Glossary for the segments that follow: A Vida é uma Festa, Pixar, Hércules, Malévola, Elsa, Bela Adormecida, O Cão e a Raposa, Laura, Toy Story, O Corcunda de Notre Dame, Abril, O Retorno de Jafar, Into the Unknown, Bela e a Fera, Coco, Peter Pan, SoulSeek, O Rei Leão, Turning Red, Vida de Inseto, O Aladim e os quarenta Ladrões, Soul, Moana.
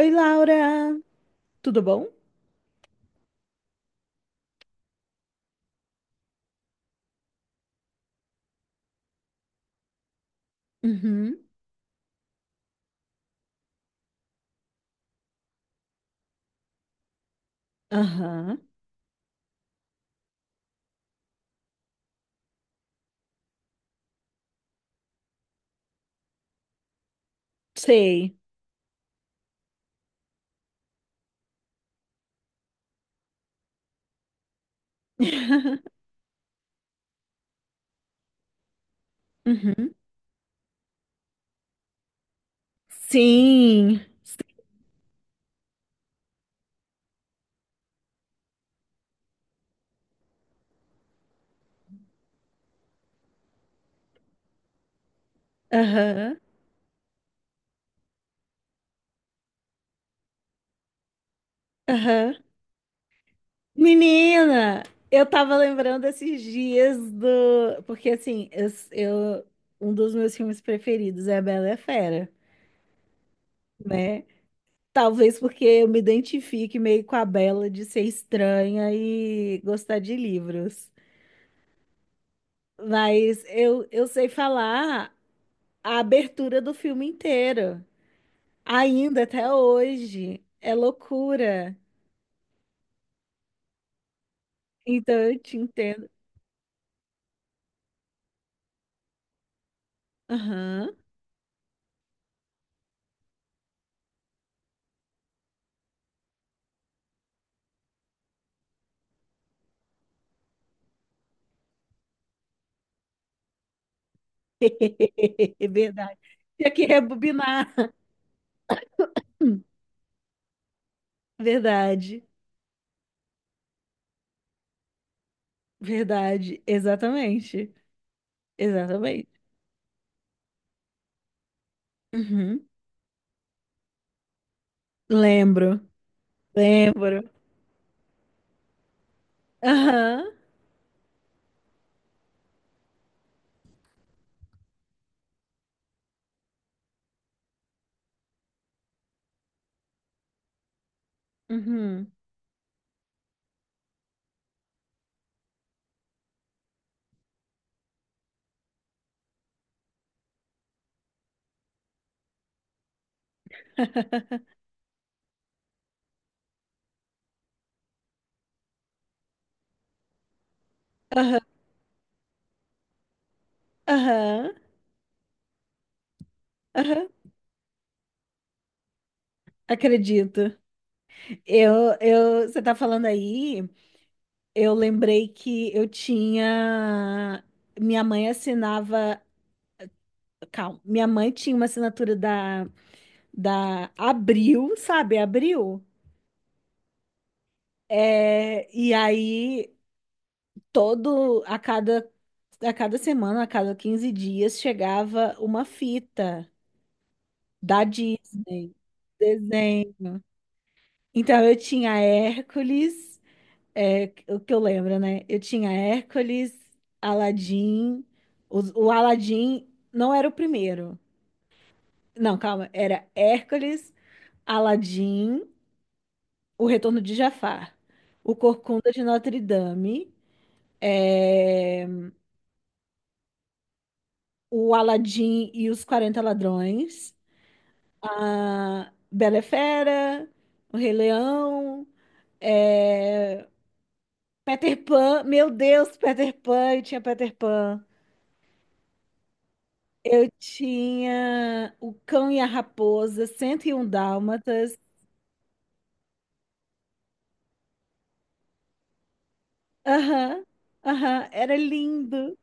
Oi, Laura, tudo bom? Uhum, aham, sei. Uhum. Sim, aham, aham. Menina, eu tava lembrando esses dias. Porque, assim, um dos meus filmes preferidos é a Bela e a Fera, né? Talvez porque eu me identifique meio com a Bela de ser estranha e gostar de livros. Mas eu sei falar a abertura do filme inteiro. Ainda até hoje. É loucura. Então eu te entendo. Aham. É verdade. Tinha que rebobinar. Hum. Verdade. Verdade. Exatamente. Exatamente. Uhum. Lembro. Lembro. Aham. Uhum. Aham. Aham. Aham. Acredito. Você tá falando aí, eu lembrei que eu tinha. Minha mãe assinava. Calma. Minha mãe tinha uma assinatura da Abril, sabe? Abril. É, e aí, todo, a cada, a cada semana, a cada 15 dias, chegava uma fita da Disney, desenho. Então, eu tinha Hércules, é, o que eu lembro, né? Eu tinha Hércules, Aladim o o Aladim não era o primeiro. Não, calma, era Hércules, Aladim, O Retorno de Jafar, O Corcunda de Notre Dame, é, O Aladim e os 40 Ladrões, a Bela e Fera, O Rei Leão, é, Peter Pan, meu Deus, Peter Pan, eu tinha Peter Pan. Eu tinha O Cão e a Raposa, 101 Dálmatas. Aham, aham, era lindo.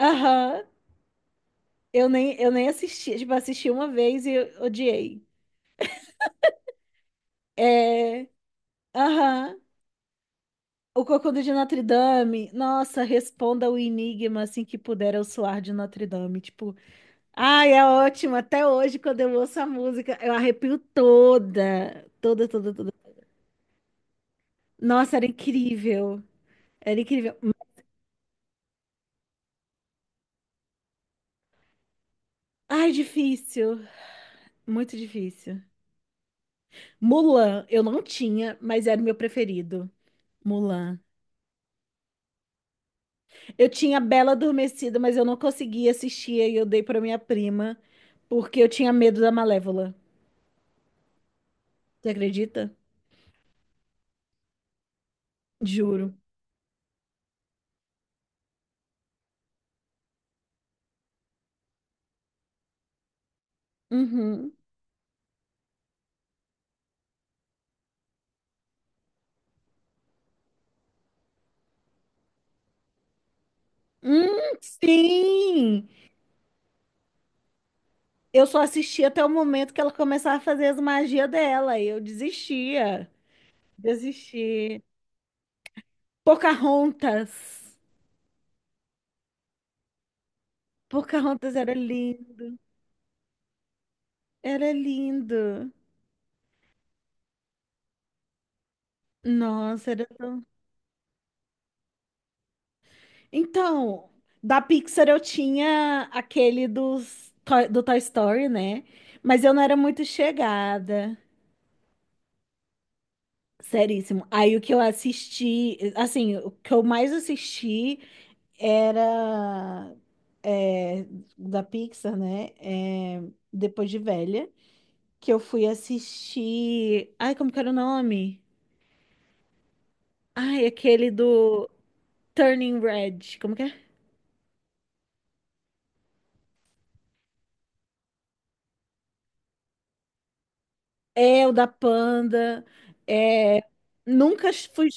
Aham. Eu nem assisti, tipo, assisti uma vez e eu odiei. É. Aham. O Cocudo de Notre Dame. Nossa, responda o enigma assim que puder eu suar de Notre Dame. Tipo, ai, é ótimo. Até hoje, quando eu ouço a música, eu arrepio toda. Toda, toda, toda. Nossa, era incrível. Era incrível. Ai, difícil. Muito difícil. Mulan, eu não tinha, mas era o meu preferido. Mulan. Eu tinha Bela Adormecida, mas eu não conseguia assistir e eu dei pra minha prima, porque eu tinha medo da Malévola. Você acredita? Juro. Uhum. Sim! Eu só assisti até o momento que ela começava a fazer as magias dela e eu desistia. Desisti. Pocahontas. Pocahontas era lindo. Era lindo. Nossa, era. Então, da Pixar eu tinha aquele do Toy Story, né? Mas eu não era muito chegada. Seríssimo. Aí o que eu assisti, assim, o que eu mais assisti era, é, da Pixar, né? É, depois de velha, que eu fui assistir. Ai, como que era o nome? Ai, aquele do Turning Red. Como que é? É, o da Panda. É, nunca fui.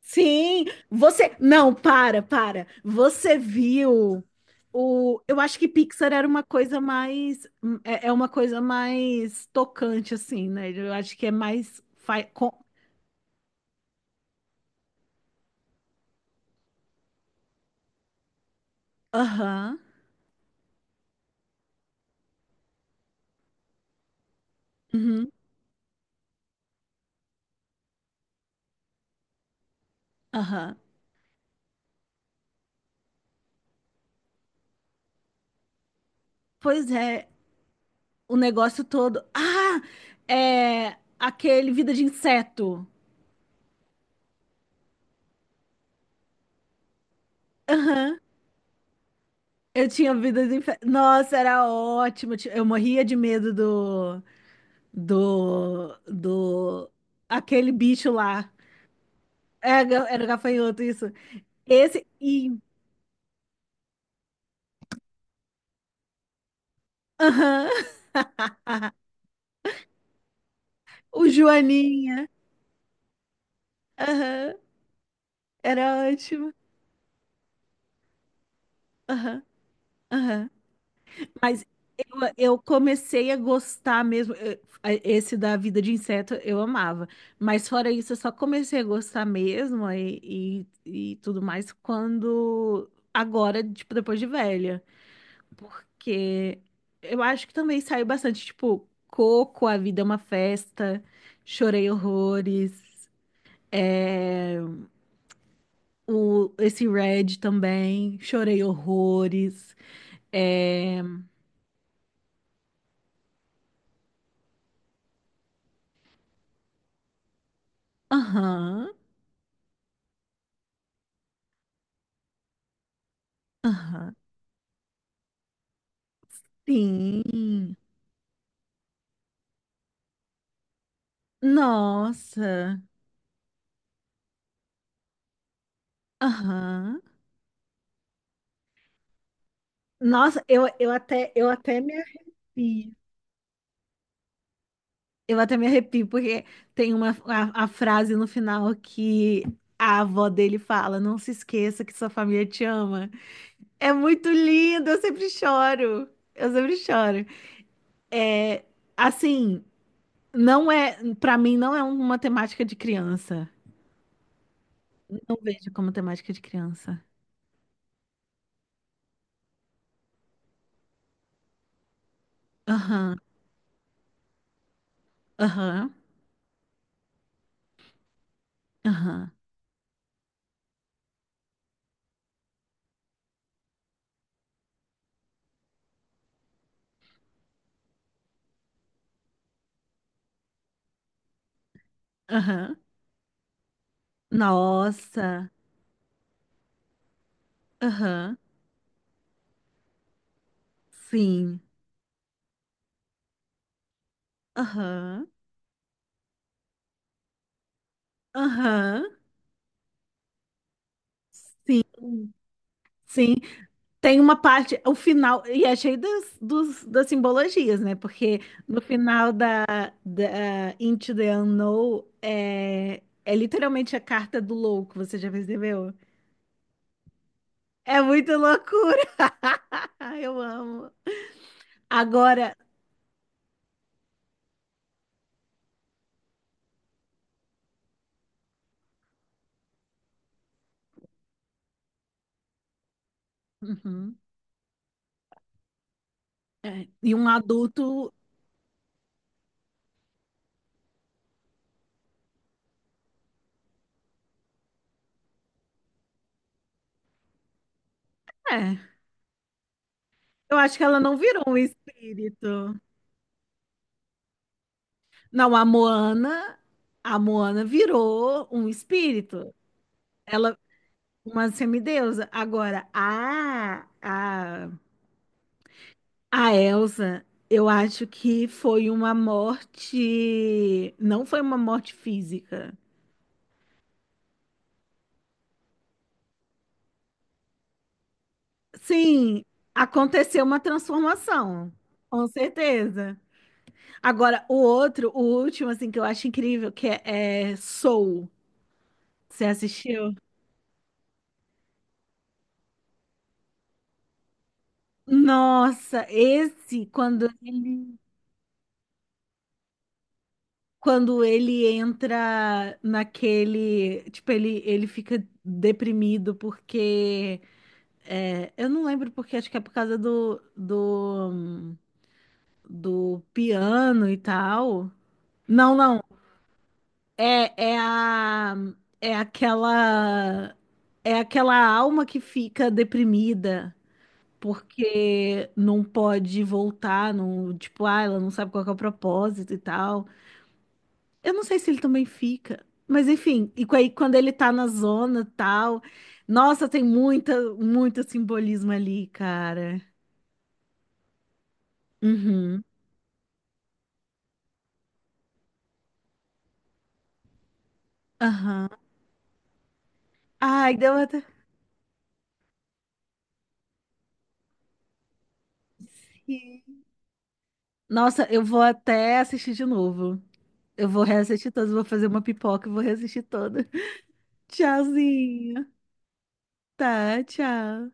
Sim, você. Não, para, para. Você viu. O, eu acho que Pixar era uma coisa mais, é uma coisa mais tocante, assim, né? Eu acho que é mais, aham, uhum, aham. Pois é, o negócio todo. Ah, é aquele Vida de Inseto. Aham, eu tinha Vida de Inseto. Nossa, era ótimo. Eu morria de medo do, do, aquele bicho lá. É, era gafanhoto, isso. Esse e, aham, o Joaninha. Aham, era ótimo. Aham, aham. Mas eu, eu comecei a gostar mesmo. Esse da vida de inseto eu amava. Mas fora isso, eu só comecei a gostar mesmo e tudo mais quando. Agora, tipo, depois de velha. Porque eu acho que também saiu bastante, tipo, Coco, A Vida é uma Festa, Chorei Horrores, é, esse Red também, Chorei Horrores. É, aham. Aham. Sim. Nossa. Aham. Nossa, eu até me arrepio. Eu até me arrepio porque tem a frase no final que a avó dele fala: "Não se esqueça que sua família te ama". É muito lindo, eu sempre choro. Eu sempre choro. É, assim, não é, para mim não é uma temática de criança. Não vejo como temática de criança. Aham. Aham. Aham. Aham. Nossa. Aham. Sim. Aham. Aham. Sim. Sim. Tem uma parte, o final, e é cheio dos, das simbologias, né? Porque no final da Into the Unknown é literalmente a carta do louco, você já percebeu? É muito loucura. Eu amo. Agora, uhum, é, e um adulto, é, eu acho que ela não virou um espírito. Não, a Moana virou um espírito. Ela, uma semideusa. Agora, a Elsa, eu acho que foi uma morte. Não foi uma morte física. Sim, aconteceu uma transformação. Com certeza. Agora, o outro, o último, assim, que eu acho incrível, que é Soul. Você assistiu? Nossa, esse, quando ele entra naquele, tipo, ele fica deprimido porque eu não lembro porque, acho que é por causa do piano e tal. Não, não. É, é a, é aquela, é aquela alma que fica deprimida porque não pode voltar, não, tipo, ah, ela não sabe qual que é o propósito e tal. Eu não sei se ele também fica, mas enfim, e aí quando ele tá na zona tal, nossa, tem muito simbolismo ali, cara. Uhum. Aham. Ai, deu até. Sim. Nossa, eu vou até assistir de novo. Eu vou reassistir todas, vou fazer uma pipoca e vou reassistir toda. Tchauzinho. Tá, tchau.